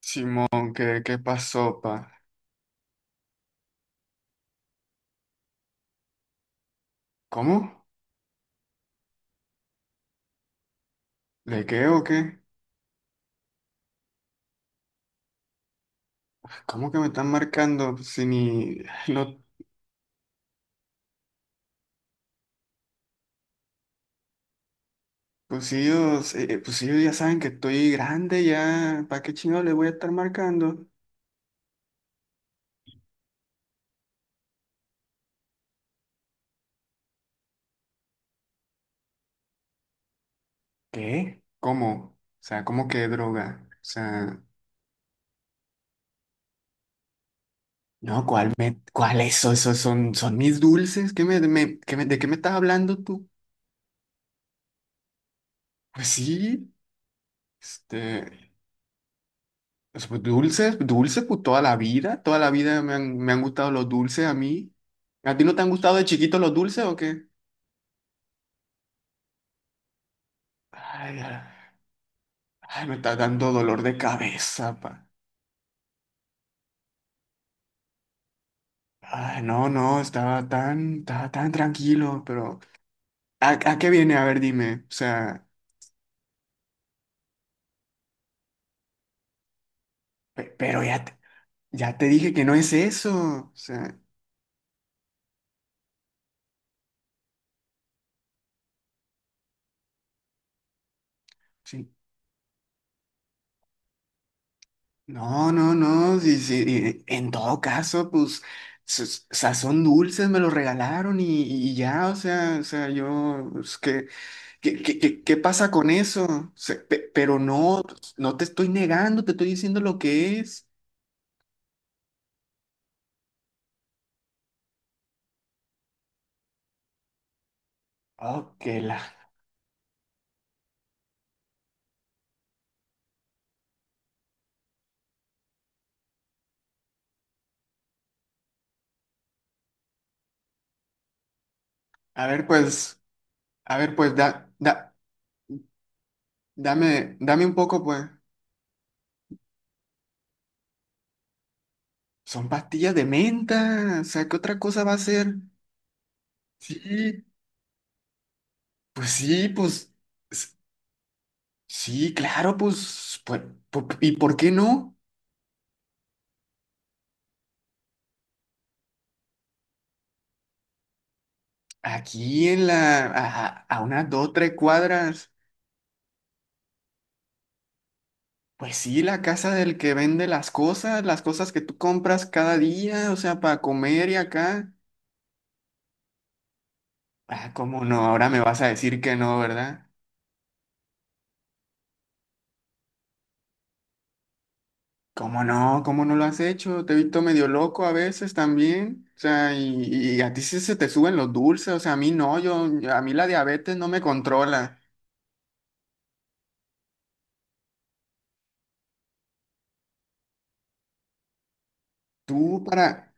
Simón, ¿qué pasó, pa? ¿Cómo? ¿Le qué o qué? ¿Cómo que me están marcando? Pues, si ni los. Pues si ellos ya saben que estoy grande ya, ¿para qué chingado le voy a estar marcando? ¿Qué? ¿Cómo? O sea, ¿cómo que droga? O sea, no, ¿cuál eso, son mis dulces? ¿Qué me, me- qué me- ¿de qué me estás hablando tú? Pues sí. este, pues, dulces, dulces, pues toda la vida me han gustado los dulces a mí. ¿A ti no te han gustado de chiquito los dulces o qué? Ay, ay, me está dando dolor de cabeza, pa. Ay, no, no, estaba tan tranquilo, pero ¿a qué viene? A ver, dime. O sea, pero ya te dije que no es eso. O sea, sí, no, no, no, sí, sí, en todo caso, pues, sa- sazón dulces me lo regalaron y ya, o sea, yo, pues, ¿qué pasa con eso? O sea, pero no, pues, no te estoy negando, te estoy diciendo lo que es. Ok, la. A ver, pues, a ver, pues, da, da, dame un poco, pues. Son pastillas de menta, o sea, ¿qué otra cosa va a ser? Sí, pues sí, pues. Sí, claro, pues, ¿y por qué no? Aquí a unas dos, tres cuadras, pues sí, la casa del que vende las cosas que tú compras cada día, o sea, para comer y acá. Ah, ¿cómo no? Ahora me vas a decir que no, ¿verdad? ¿Cómo no? ¿Cómo no lo has hecho? Te he visto medio loco a veces también. O sea, y a ti sí se te suben los dulces, o sea, a mí no, yo, a mí la diabetes no me controla. Tú para,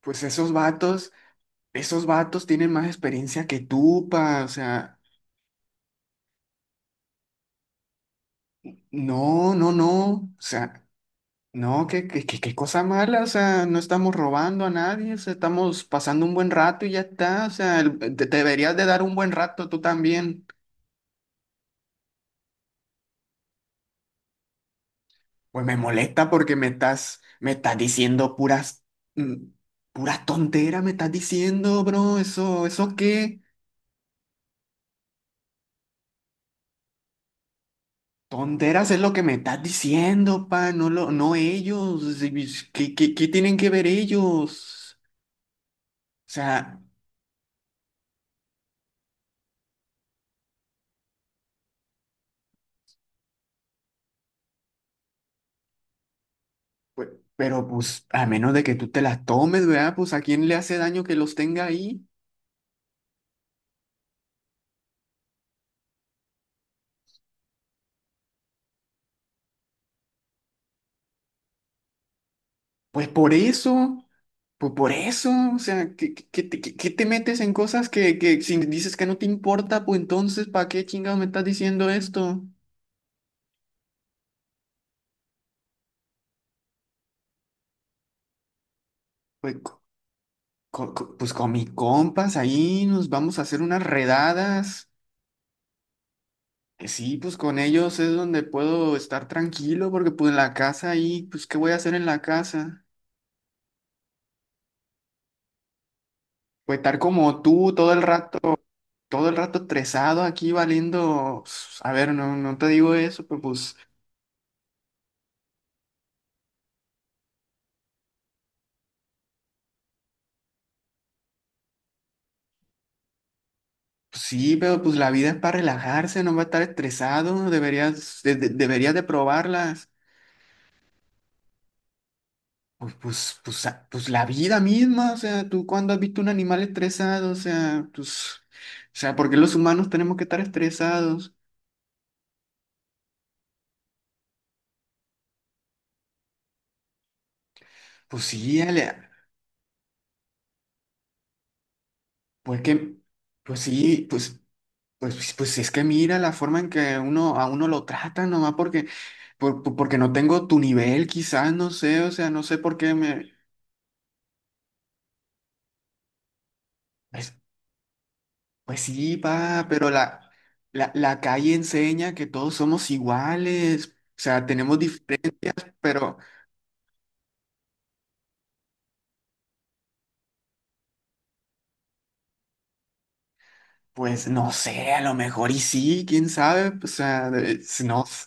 pues esos vatos. Esos vatos tienen más experiencia que tú, pa, o sea, no, no, no, o sea, no, qué cosa mala, o sea, no estamos robando a nadie, o sea, estamos pasando un buen rato y ya está, o sea, te deberías de dar un buen rato tú también. Pues me molesta porque me estás diciendo mm, puras tonteras, me estás diciendo, bro, eso qué. Tonteras es lo que me estás diciendo, pa, no ellos. ¿Qué tienen que ver ellos? O sea, pe- pero pues a menos de que tú te las tomes, ¿verdad? Pues a quién le hace daño que los tenga ahí. Pues por eso, pues por eso, o sea, ¿qué te metes en cosas que si dices que no te importa, pues entonces, ¿para qué chingados me estás diciendo esto? Pues, pues con mis compas ahí nos vamos a hacer unas redadas. Sí, pues con ellos es donde puedo estar tranquilo, porque pues en la casa ahí, pues ¿qué voy a hacer en la casa? Pues estar como tú todo el rato estresado aquí valiendo, pues, a ver, no, no te digo eso, pero pues sí, pero pues la vida es para relajarse, no va a estar estresado, deberías de probarlas. Pues, la vida misma, o sea, tú cuando has visto un animal estresado, o sea, pues, o sea, ¿por qué los humanos tenemos que estar estresados? Pues sí, Ale, pues que, pues sí, pues. Pues es que mira la forma en que a uno lo tratan nomás porque, porque no tengo tu nivel, quizás, no sé, o sea, no sé por qué me... Pues, pues sí, pa pero la calle enseña que todos somos iguales, o sea, tenemos diferentes, pero pues no sé, a lo mejor y sí, quién sabe, o sea, no,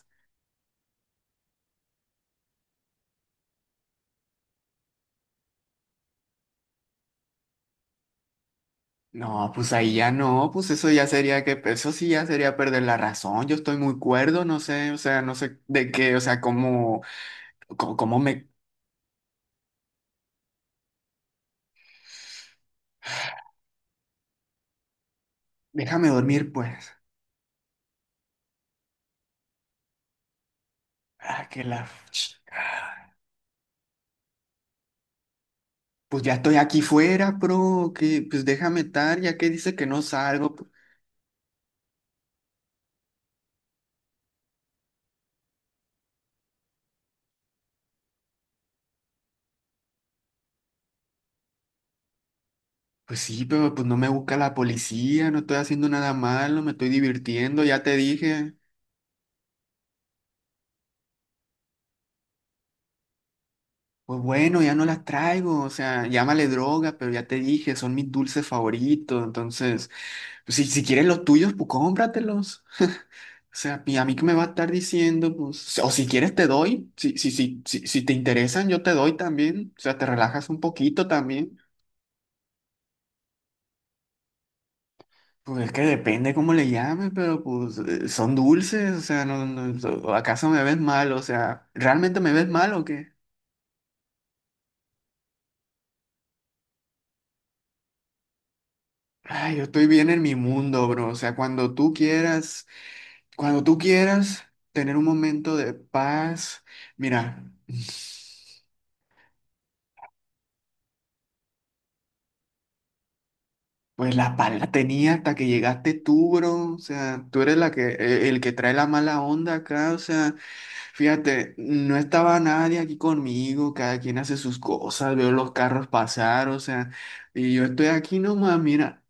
no, pues ahí ya no, pues eso sí ya sería perder la razón, yo estoy muy cuerdo, no sé, o sea, no sé de qué, o sea, cómo... ¿Cómo me... Déjame dormir, pues. Ah, que la... ch- Pues ya estoy aquí fuera, bro. Que, pues déjame estar, ya que dice que no salgo. Pues sí, pero pues no me busca la policía, no estoy haciendo nada malo, me estoy divirtiendo, ya te dije. Pues bueno, ya no las traigo, o sea, llámale droga, pero ya te dije, son mis dulces favoritos. Entonces, pues, si quieres los tuyos, pues cómpratelos. O sea, ¿y a mí qué me va a estar diciendo? Pues, o si quieres te doy, si te interesan, yo te doy también. O sea, te relajas un poquito también. Pues es que depende cómo le llames, pero pues son dulces, o sea, no, no, ¿acaso me ves mal? O sea, ¿realmente me ves mal o qué? Ay, yo estoy bien en mi mundo, bro. O sea, cuando tú quieras tener un momento de paz, mira. Pues la pala tenía hasta que llegaste tú, bro. O sea, tú eres el que trae la mala onda acá. O sea, fíjate, no estaba nadie aquí conmigo. Cada quien hace sus cosas. Veo los carros pasar, o sea, y yo estoy aquí nomás, mira,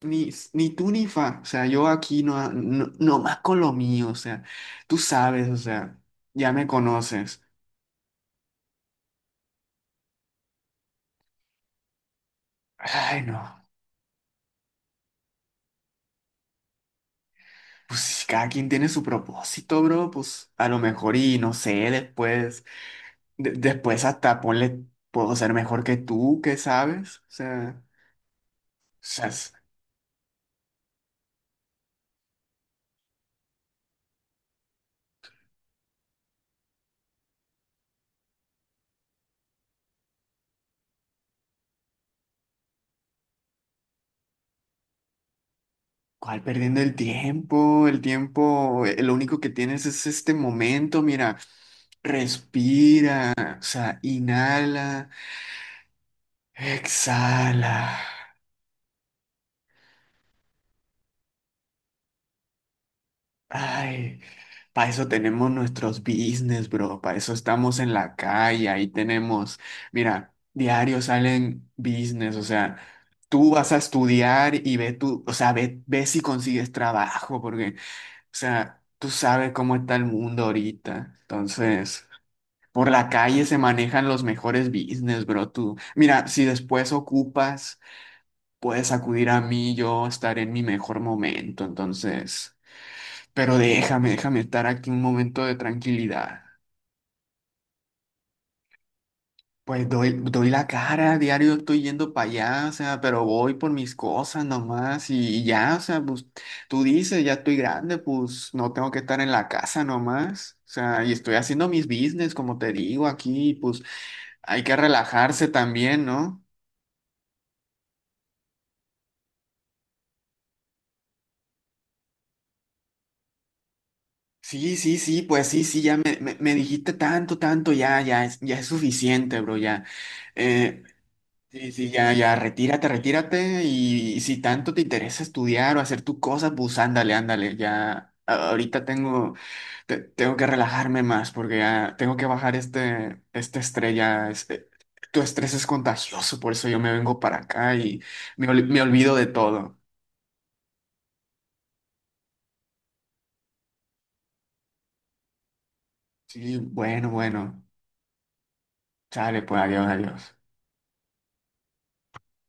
ni tú ni fa. O sea, yo aquí no, no, nomás con lo mío. O sea, tú sabes, o sea, ya me conoces. Ay, no. Pues cada quien tiene su propósito, bro. Pues a lo mejor y no sé después. Después hasta ponle, puedo ser mejor que tú, ¿qué sabes? Sea, es- ¿Cuál perdiendo el tiempo? El tiempo, lo único que tienes es este momento, mira, respira, o sea, inhala, exhala. Ay, para eso tenemos nuestros business, bro. Para eso estamos en la calle. Ahí tenemos, mira, diario salen business. O sea, tú vas a estudiar y ve tú, o sea, ve si consigues trabajo, porque, o sea, tú sabes cómo está el mundo ahorita. Entonces, por la calle se manejan los mejores business, bro. Tú, mira, si después ocupas, puedes acudir a mí. Yo estaré en mi mejor momento. Entonces. Pero déjame estar aquí un momento de tranquilidad. Pues doy la cara, diario estoy yendo para allá, o sea, pero voy por mis cosas nomás y ya, o sea, pues tú dices, ya estoy grande, pues no tengo que estar en la casa nomás. O sea, y estoy haciendo mis business, como te digo aquí, pues hay que relajarse también, ¿no? Sí, sí, sí, pues sí, sí, ya me dijiste tanto, tanto, ya, ya, ya es suficiente, bro, ya. Eh, Sí, sí, ya, ya, retírate, retírate y si tanto te interesa estudiar o hacer tus cosas, pues ándale, ándale, ya. Ahorita tengo que relajarme más porque ya tengo que bajar este, estrella. Tu estrés es contagioso, por eso yo me vengo para acá y me olvido de todo. Sí, bueno, bueno. Sale, pues, adiós, adiós.